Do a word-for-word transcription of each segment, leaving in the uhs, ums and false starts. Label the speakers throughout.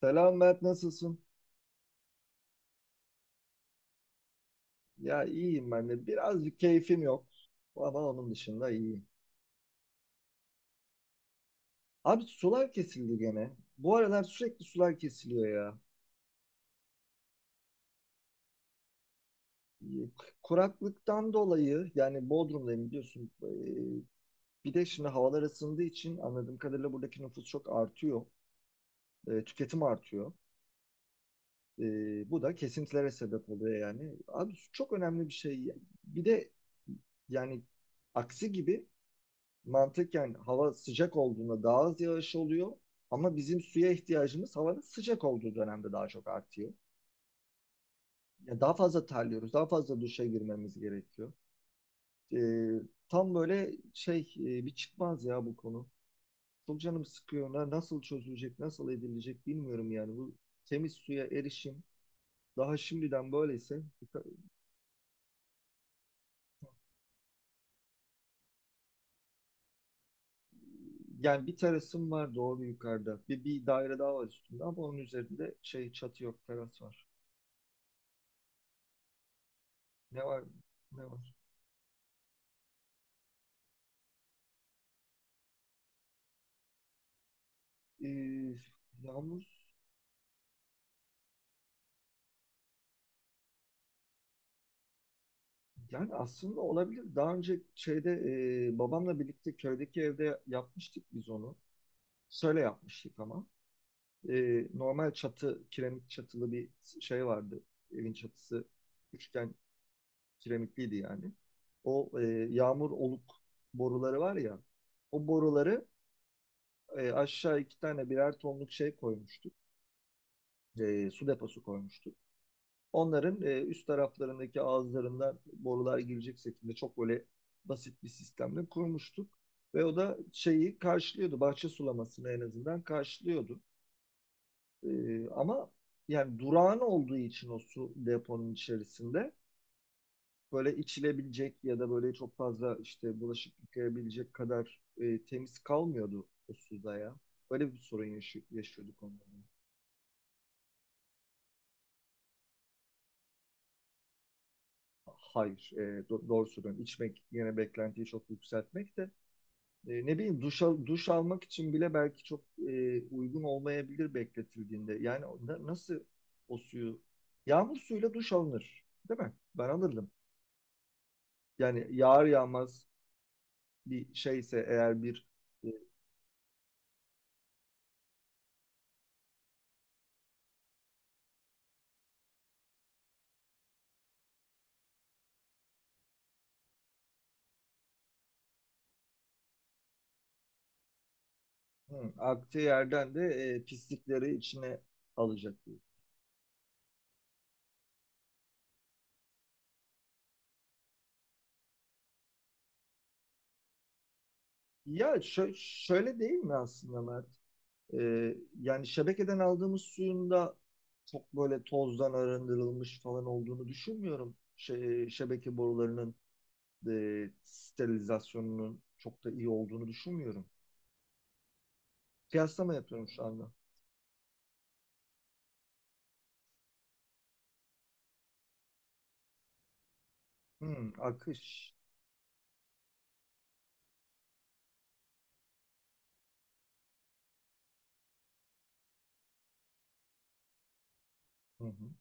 Speaker 1: Selam Mert, nasılsın? Ya iyiyim ben de. Birazcık keyfim yok. Ama onun dışında iyiyim. Abi sular kesildi gene. Bu aralar sürekli sular kesiliyor ya. Ee, Kuraklıktan dolayı yani Bodrum'dayım biliyorsun. Ee, Bir de şimdi havalar ısındığı için anladığım kadarıyla buradaki nüfus çok artıyor. Ee, Tüketim artıyor. Ee, Bu da kesintilere sebep oluyor yani. Abi su çok önemli bir şey. Bir de yani aksi gibi mantıken hava sıcak olduğunda daha az yağış oluyor. Ama bizim suya ihtiyacımız havanın sıcak olduğu dönemde daha çok artıyor. Ya daha fazla terliyoruz, daha fazla duşa girmemiz gerekiyor. Ee, tam böyle şey e, bir çıkmaz ya bu konu. Çok canım sıkıyor. Na- Nasıl çözülecek, nasıl edilecek bilmiyorum yani. Bu temiz suya erişim daha şimdiden böyleyse yuka- yani bir terasım var doğru yukarıda. Bir, bir daire daha var üstünde ama onun üzerinde şey çatı yok, teras var. Ne var? Ne var? Ee, Yalnız yani aslında olabilir. Daha önce şeyde e, babamla birlikte köydeki evde yapmıştık biz onu. Şöyle yapmıştık ama. Ee, normal çatı, kiremit çatılı bir şey vardı. Evin çatısı üçgen kiremitliydi yani. O e, yağmur oluk boruları var ya. O boruları e, aşağı iki tane birer tonluk şey koymuştuk. E, su deposu koymuştuk. Onların e, üst taraflarındaki ağızlarından borular girecek şekilde çok böyle basit bir sistemle kurmuştuk. Ve o da şeyi karşılıyordu. Bahçe sulamasını en azından karşılıyordu. E, ama yani durağan olduğu için o su deponun içerisinde böyle içilebilecek ya da böyle çok fazla işte bulaşık yıkayabilecek kadar e, temiz kalmıyordu o suda ya. Böyle bir sorun yaşı- yaşıyorduk onların. Hayır, e, do- doğru söylüyorum. İçmek yine beklentiyi çok yükseltmek de... E, ne bileyim duş, al- duş almak için bile belki çok e, uygun olmayabilir bekletildiğinde. Yani na- nasıl o suyu? Yağmur suyuyla duş alınır, değil mi? Ben alırdım. Yani yağar yağmaz bir şeyse eğer bir... e, hı, aktığı yerden de e, pislikleri içine alacak diye. Ya şö- şöyle değil mi aslında Mert? E, Yani şebekeden aldığımız suyun da çok böyle tozdan arındırılmış falan olduğunu düşünmüyorum. Şey, şebeke borularının e, sterilizasyonunun çok da iyi olduğunu düşünmüyorum. Kıyaslama yapıyorum şu anda. Hmm, akış. Hı hı.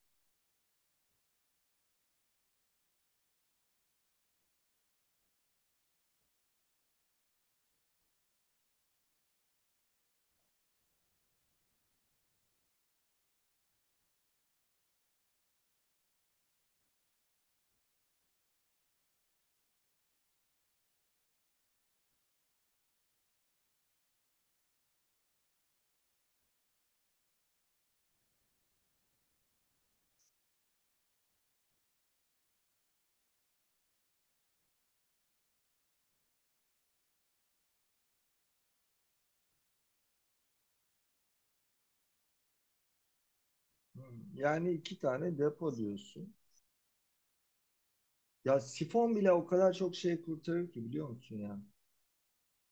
Speaker 1: Hmm. Yani iki tane depo diyorsun. Ya sifon bile o kadar çok şey kurtarır ki biliyor musun yani?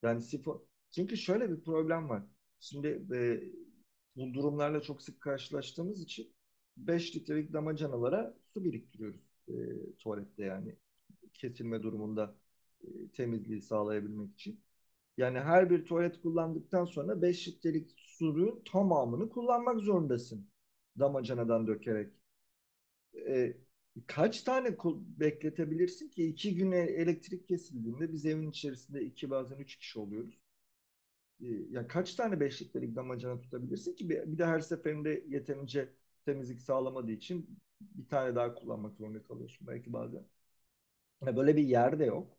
Speaker 1: Yani sifon. Çünkü şöyle bir problem var. Şimdi e, bu durumlarla çok sık karşılaştığımız için beş litrelik damacanalara su biriktiriyoruz, e, tuvalette yani kesilme durumunda e, temizliği sağlayabilmek için. Yani her bir tuvalet kullandıktan sonra beş litrelik suyun tamamını kullanmak zorundasın. Damacanadan dökerek. E, kaç tane bekletebilirsin ki? iki güne elektrik kesildiğinde biz evin içerisinde iki bazen üç kişi oluyoruz. E, ya kaç tane beş litrelik damacana tutabilirsin ki? Bir, de her seferinde yeterince temizlik sağlamadığı için bir tane daha kullanmak zorunda kalıyorsun belki bazen. Ya böyle bir yer de yok.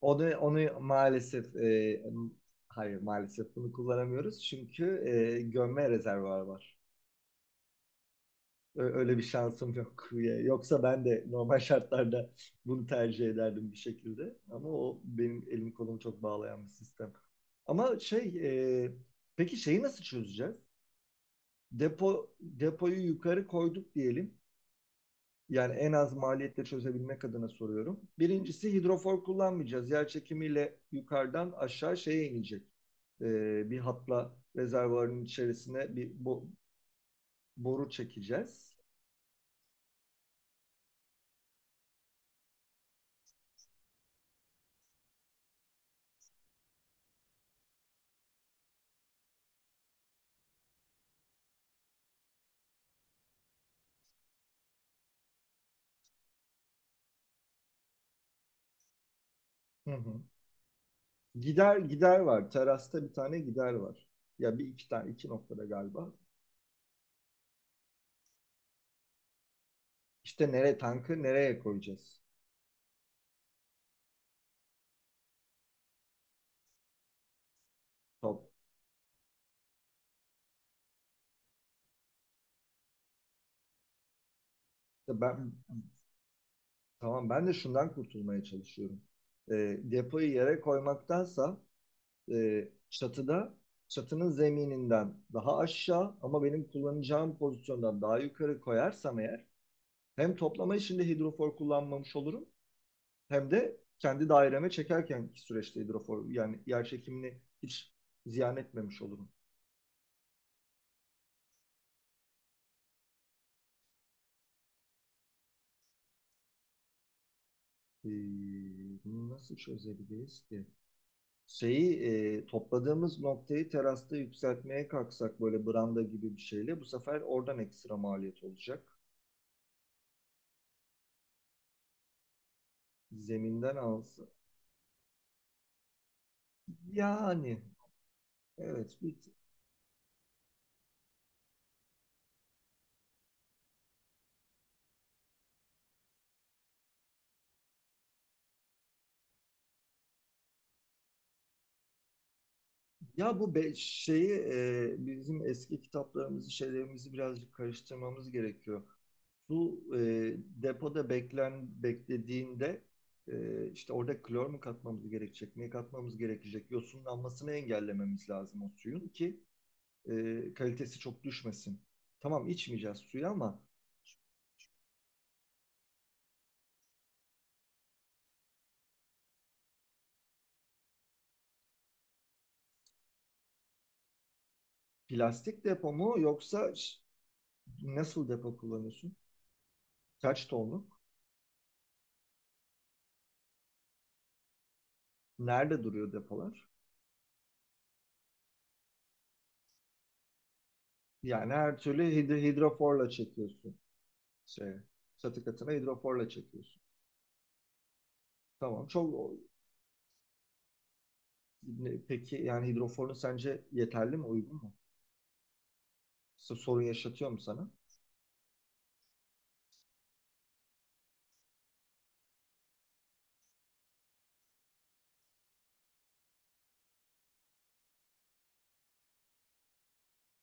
Speaker 1: Onu, onu maalesef e, hayır maalesef bunu kullanamıyoruz çünkü e, gömme rezervuar var. Ö- Öyle bir şansım yok. Ya- Yoksa ben de normal şartlarda bunu tercih ederdim bir şekilde. Ama o benim elim kolumu çok bağlayan bir sistem. Ama şey e, peki şeyi nasıl çözeceğiz? Depo depoyu yukarı koyduk diyelim. Yani en az maliyetle çözebilmek adına soruyorum. Birincisi hidrofor kullanmayacağız. Yer çekimiyle yukarıdan aşağı şeye inecek. Ee, bir hatla rezervuarın içerisine bir bo- boru çekeceğiz. Hı hı. Gider gider var. Terasta bir tane gider var. Ya bir iki tane iki noktada galiba. İşte nereye tankı nereye koyacağız? Top. İşte ben tamam ben de şundan kurtulmaya çalışıyorum. Ee, depoyu yere koymaktansa e, çatıda çatının zemininden daha aşağı ama benim kullanacağım pozisyondan daha yukarı koyarsam eğer hem toplama işinde hidrofor kullanmamış olurum hem de kendi daireme çekerkenki süreçte hidrofor yani yer çekimini hiç ziyan etmemiş olurum. Ee, bunu nasıl çözebiliriz ki? Şeyi e, topladığımız noktayı terasta yükseltmeye kalksak böyle branda gibi bir şeyle bu sefer oradan ekstra maliyet olacak. Zeminden alsa. Yani Evet. bir- Ya bu be- şeyi e, bizim eski kitaplarımızı, şeylerimizi birazcık karıştırmamız gerekiyor. Su e, depoda beklen beklediğinde e, işte orada klor mu katmamız gerekecek, ne katmamız gerekecek, yosunlanmasını engellememiz lazım o suyun ki e, kalitesi çok düşmesin. Tamam içmeyeceğiz suyu ama plastik depo mu yoksa ş- nasıl depo kullanıyorsun? Kaç tonluk? Nerede duruyor depolar? Yani her türlü hid- hidroforla çekiyorsun. Şey, Çatı katına hidroforla çekiyorsun. Tamam. Çok ne- peki yani hidroforun sence yeterli mi, uygun mu? S- Sorun yaşatıyor mu sana?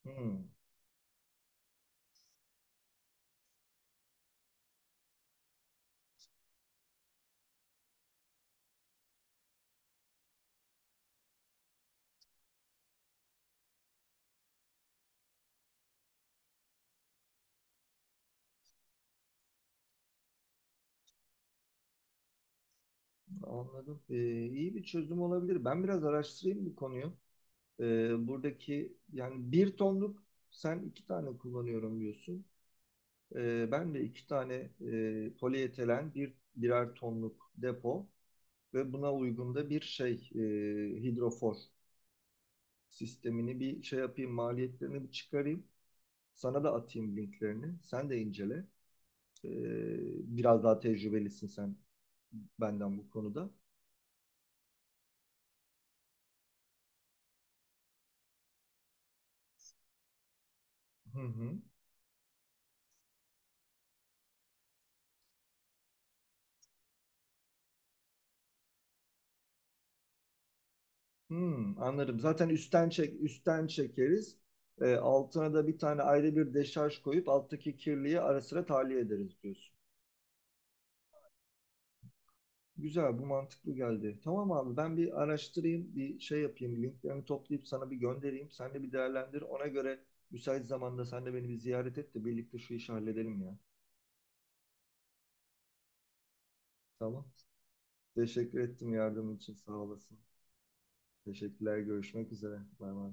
Speaker 1: Hmm, anladım. Ee, iyi bir çözüm olabilir. Ben biraz araştırayım bu konuyu. Ee, buradaki yani bir tonluk sen iki tane kullanıyorum diyorsun. Ee, ben de iki tane e, polietilen bir birer tonluk depo ve buna uygun da bir şey e, hidrofor sistemini bir şey yapayım, maliyetlerini bir çıkarayım. Sana da atayım linklerini. Sen de incele. Ee, biraz daha tecrübelisin sen benden bu konuda. Hı hı. Hmm, anladım. Zaten üstten çek üstten çekeriz. Ee, altına da bir tane ayrı bir deşarj koyup alttaki kirliyi ara sıra tahliye ederiz diyorsun. Güzel, bu mantıklı geldi. Tamam abi, ben bir araştırayım, bir şey yapayım, linklerini toplayıp sana bir göndereyim. Sen de bir değerlendir. Ona göre müsait zamanda sen de beni bir ziyaret et de birlikte şu işi halledelim ya. Tamam. Teşekkür ettim yardımın için, sağ olasın. Teşekkürler, görüşmek üzere. Bay bay.